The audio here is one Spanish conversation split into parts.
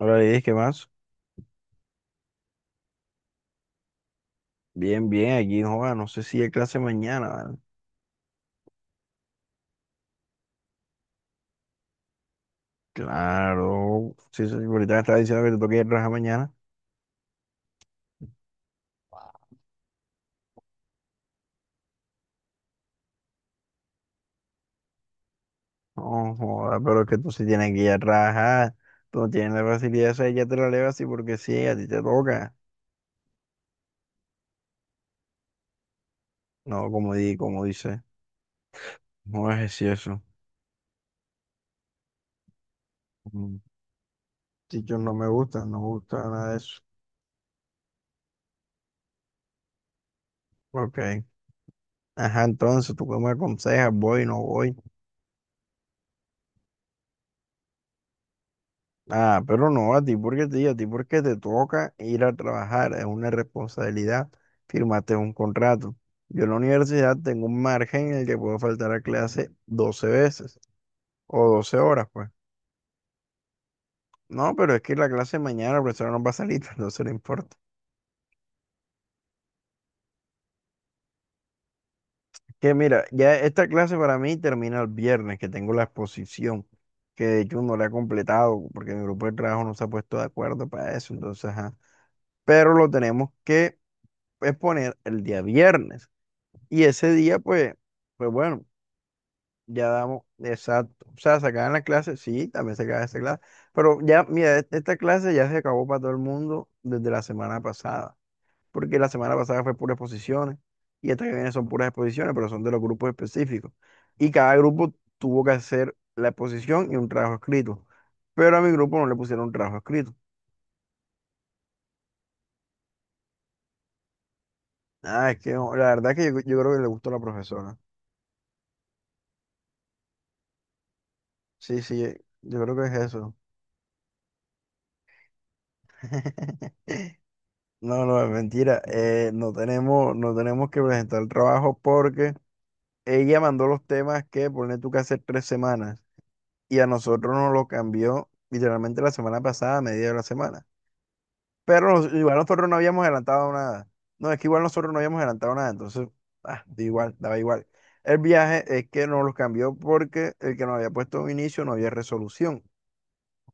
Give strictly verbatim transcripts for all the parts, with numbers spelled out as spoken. Ahora dices, ¿qué más? Bien, bien, aquí no joda, no sé si hay clase mañana, ¿vale? Claro, sí, sí, ahorita me estaba diciendo que te toca ir a trabajar mañana. No joda, pero es que tú sí tienes que ir a trabajar. Tú no tienes la facilidad esa, ya te la levas así porque sí, a ti te toca. No, como di, como dice, no es así eso. Mm. Chichos no me gustan, no me gusta nada de eso. Ok. Ajá, entonces, ¿tú qué me aconsejas? ¿Voy, no voy? Ah, pero no, a ti porque te, a ti porque te toca ir a trabajar, es una responsabilidad, firmaste un contrato. Yo en la universidad tengo un margen en el que puedo faltar a clase doce veces o doce horas, pues. No, pero es que la clase de mañana la profesora no va a salir, no se le importa. Que mira, ya esta clase para mí termina el viernes, que tengo la exposición, que de hecho no la he completado porque mi grupo de trabajo no se ha puesto de acuerdo para eso, entonces, ajá. Pero lo tenemos que exponer el día viernes. Y ese día, pues, pues bueno, ya damos, exacto. O sea, se acaban las clases, sí, también se acaba esta clase. Pero ya, mira, e- esta clase ya se acabó para todo el mundo desde la semana pasada. Porque la semana pasada fue puras exposiciones. Y esta que viene son puras exposiciones, pero son de los grupos específicos. Y cada grupo tuvo que hacer la exposición y un trabajo escrito. Pero a mi grupo no le pusieron un trabajo escrito. Ah, es que no, la verdad que yo, yo creo que le gustó a la profesora. Sí, sí, yo creo que es eso. No, no, es mentira. Eh, no tenemos, no tenemos que presentar el trabajo porque ella mandó los temas que pone tú que hace tres semanas y a nosotros nos lo cambió literalmente la semana pasada, a media de la semana. Pero nos- igual nosotros no habíamos adelantado nada. No, es que igual nosotros no habíamos adelantado nada, entonces, ah, da igual, daba igual. El viaje es que nos los cambió porque el que nos había puesto un inicio no había resolución.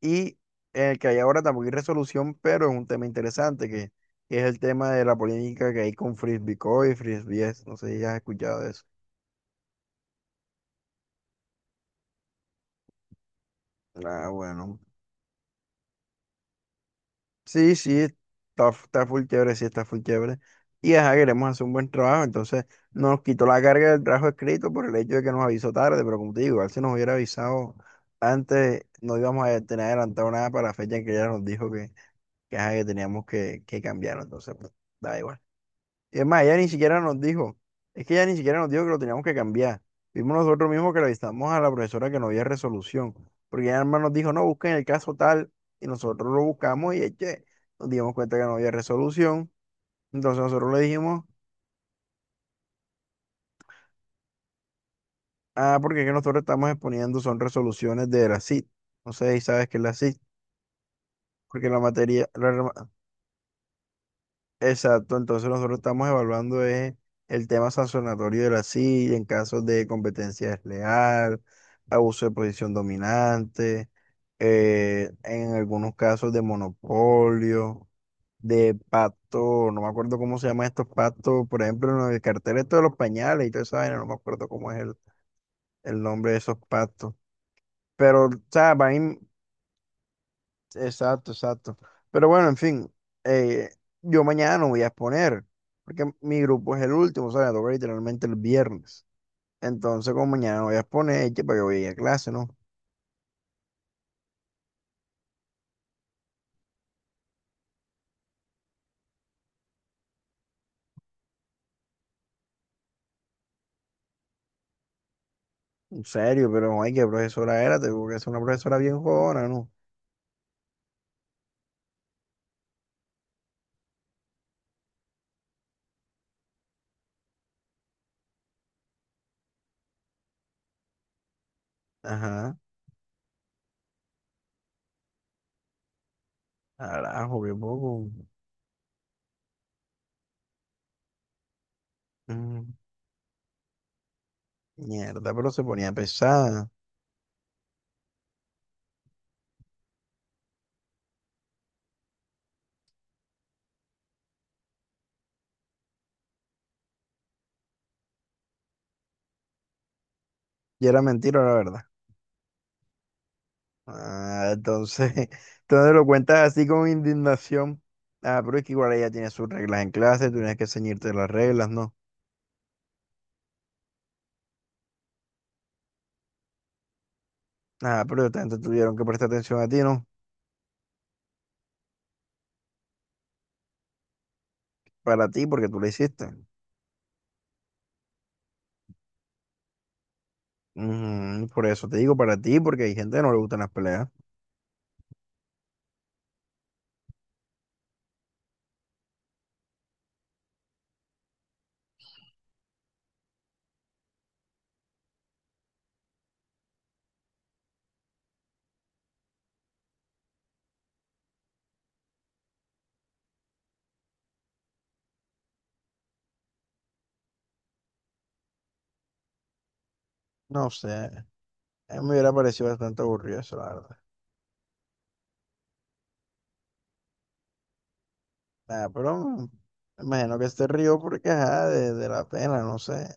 Y el que hay ahora tampoco hay resolución, pero es un tema interesante, que, que es el tema de la polémica que hay con Frisbee Co y Frisbee. No sé si has escuchado de eso. Ah, bueno. Sí, sí, está, f- está full chévere, sí, está full chévere. Y ajá, queremos hacer un buen trabajo, entonces nos quitó la carga del trabajo escrito por el hecho de que nos avisó tarde, pero como te digo, igual si nos hubiera avisado antes, no íbamos a tener adelantado nada para la fecha en que ella nos dijo que, que, ajá, que teníamos que, que cambiarlo entonces, pues, da igual. Y es más, ella ni siquiera nos dijo, es que ella ni siquiera nos dijo que lo teníamos que cambiar. Vimos nosotros mismos que le avisamos a la profesora que no había resolución, porque ella además nos dijo, no, busquen el caso tal, y nosotros lo buscamos y eche, nos dimos cuenta que no había resolución. Entonces nosotros le dijimos, ah, porque es que nosotros estamos exponiendo son resoluciones de la C I T. No sé si sabes qué es la C I T, porque la materia, la, exacto, entonces nosotros estamos evaluando eh, el tema sancionatorio de la silla en casos de competencia desleal, abuso de posición dominante, eh, en algunos casos de monopolio, de pacto, no me acuerdo cómo se llaman estos pactos, por ejemplo, en el cartel esto de los pañales y toda esa vaina, no me acuerdo cómo es el, el nombre de esos pactos. Pero, o sea, van, in- exacto, exacto. Pero bueno, en fin, eh, yo mañana no voy a exponer, porque mi grupo es el último, o sea, me toca literalmente el viernes. Entonces, como mañana no voy a exponer, ¿que para que voy a ir a clase, no? En serio, pero ay, qué profesora era, tengo que ser una profesora bien jodona, ¿no? Ajá, carajo, qué poco. Mm, mierda, pero se ponía pesada. Y era mentira, la verdad. Ah, entonces, entonces lo cuentas así con indignación. Ah, pero es que igual ella tiene sus reglas en clase, tú tienes que ceñirte las reglas, ¿no? Ah, pero esta gente tuvieron que prestar atención a ti, ¿no? Para ti, porque tú lo hiciste. Ujú, por eso te digo para ti, porque hay gente que no le gustan las peleas. No sé, a mí me hubiera parecido bastante aburrido eso, la verdad. Ah, pero mm, me imagino que se rió porque, ajá, de, de la pena, no sé.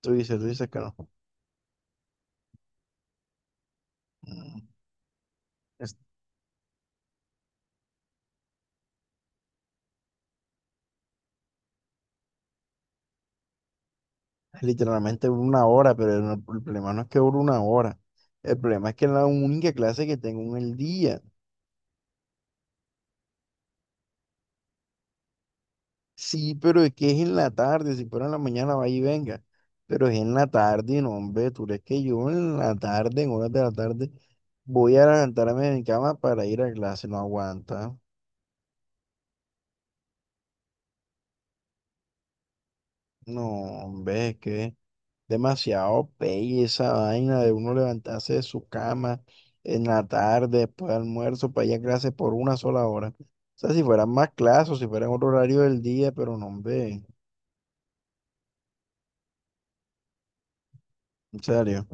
Tú dices, tú dices que no. Mm. Literalmente dura una hora, pero no- el problema no es que dure una hora. El problema es que es la única clase que tengo en el día. Sí, pero es que es en la tarde. Si fuera en la mañana, vaya y venga. Pero es en la tarde, y no, hombre. Tú crees que yo en la tarde, en horas de la tarde, voy a levantarme de mi cama para ir a clase. No aguanta. No, hombre, es que demasiado pelle esa vaina de uno levantarse de su cama en la tarde, después de almuerzo, para ir a clase por una sola hora. O sea, si fueran más clases o si fueran otro horario del día, pero no, hombre, en serio.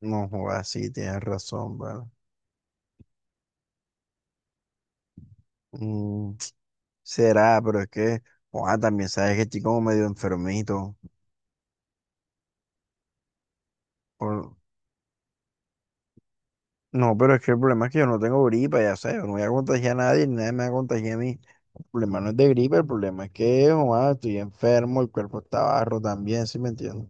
No, joda, sí, tienes razón, ¿vale? Mm, será, pero es que, joda, también sabes que estoy como medio enfermito. Por- No, pero es que el problema es que yo no tengo gripa, ya sabes, yo no voy a contagiar a nadie, ni nadie me va a contagiar a mí. Problema no es de gripe, el problema es que, joa, estoy enfermo, el cuerpo está barro también, ¿sí me entiendes?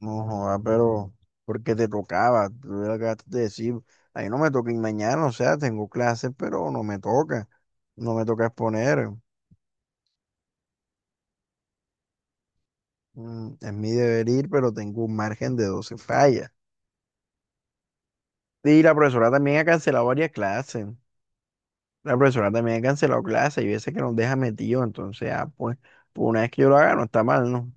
No, joa, pero porque te tocaba, tú le acabaste de decir, ahí no me toca ir mañana, o sea, tengo clases, pero no me toca, no me toca exponer, mm, es mi deber ir, pero tengo un margen de doce fallas. Y la profesora también ha cancelado varias clases. La profesora también ha cancelado clase y veces que nos deja metido entonces, ah, pues, pues una vez que yo lo haga, no está mal, ¿no?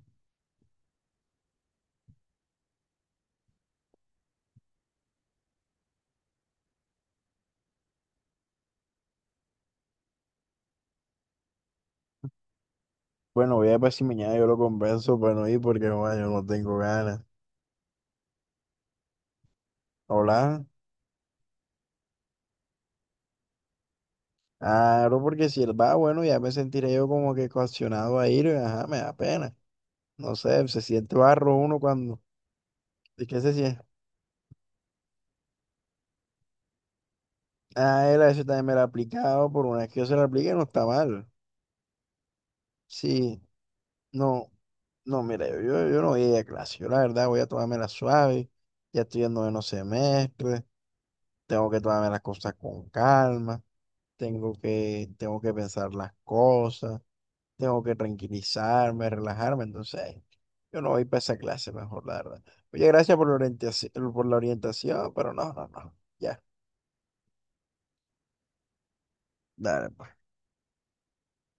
Bueno, voy a ver si mañana yo lo convenzo para no ir porque joder, yo no tengo ganas. Hola. Claro, porque si él va, bueno, ya me sentiré yo como que coaccionado a ir, y, ajá, me da pena. No sé, se siente barro uno cuando. ¿Y qué se siente? Ah, él a eso también me lo ha aplicado, por una vez que yo se lo aplique no está mal. Sí, no. No, mira, yo, yo, yo no voy a ir a clase. Yo la verdad voy a tomarme la suave. Ya estoy en noveno semestre. Tengo que tomarme las cosas con calma. Tengo que, tengo que pensar las cosas. Tengo que tranquilizarme, relajarme. Entonces, yo no voy para esa clase mejor, la verdad. Oye, gracias por la orientación, por la orientación, pero no, no, no. Ya, dale, pues.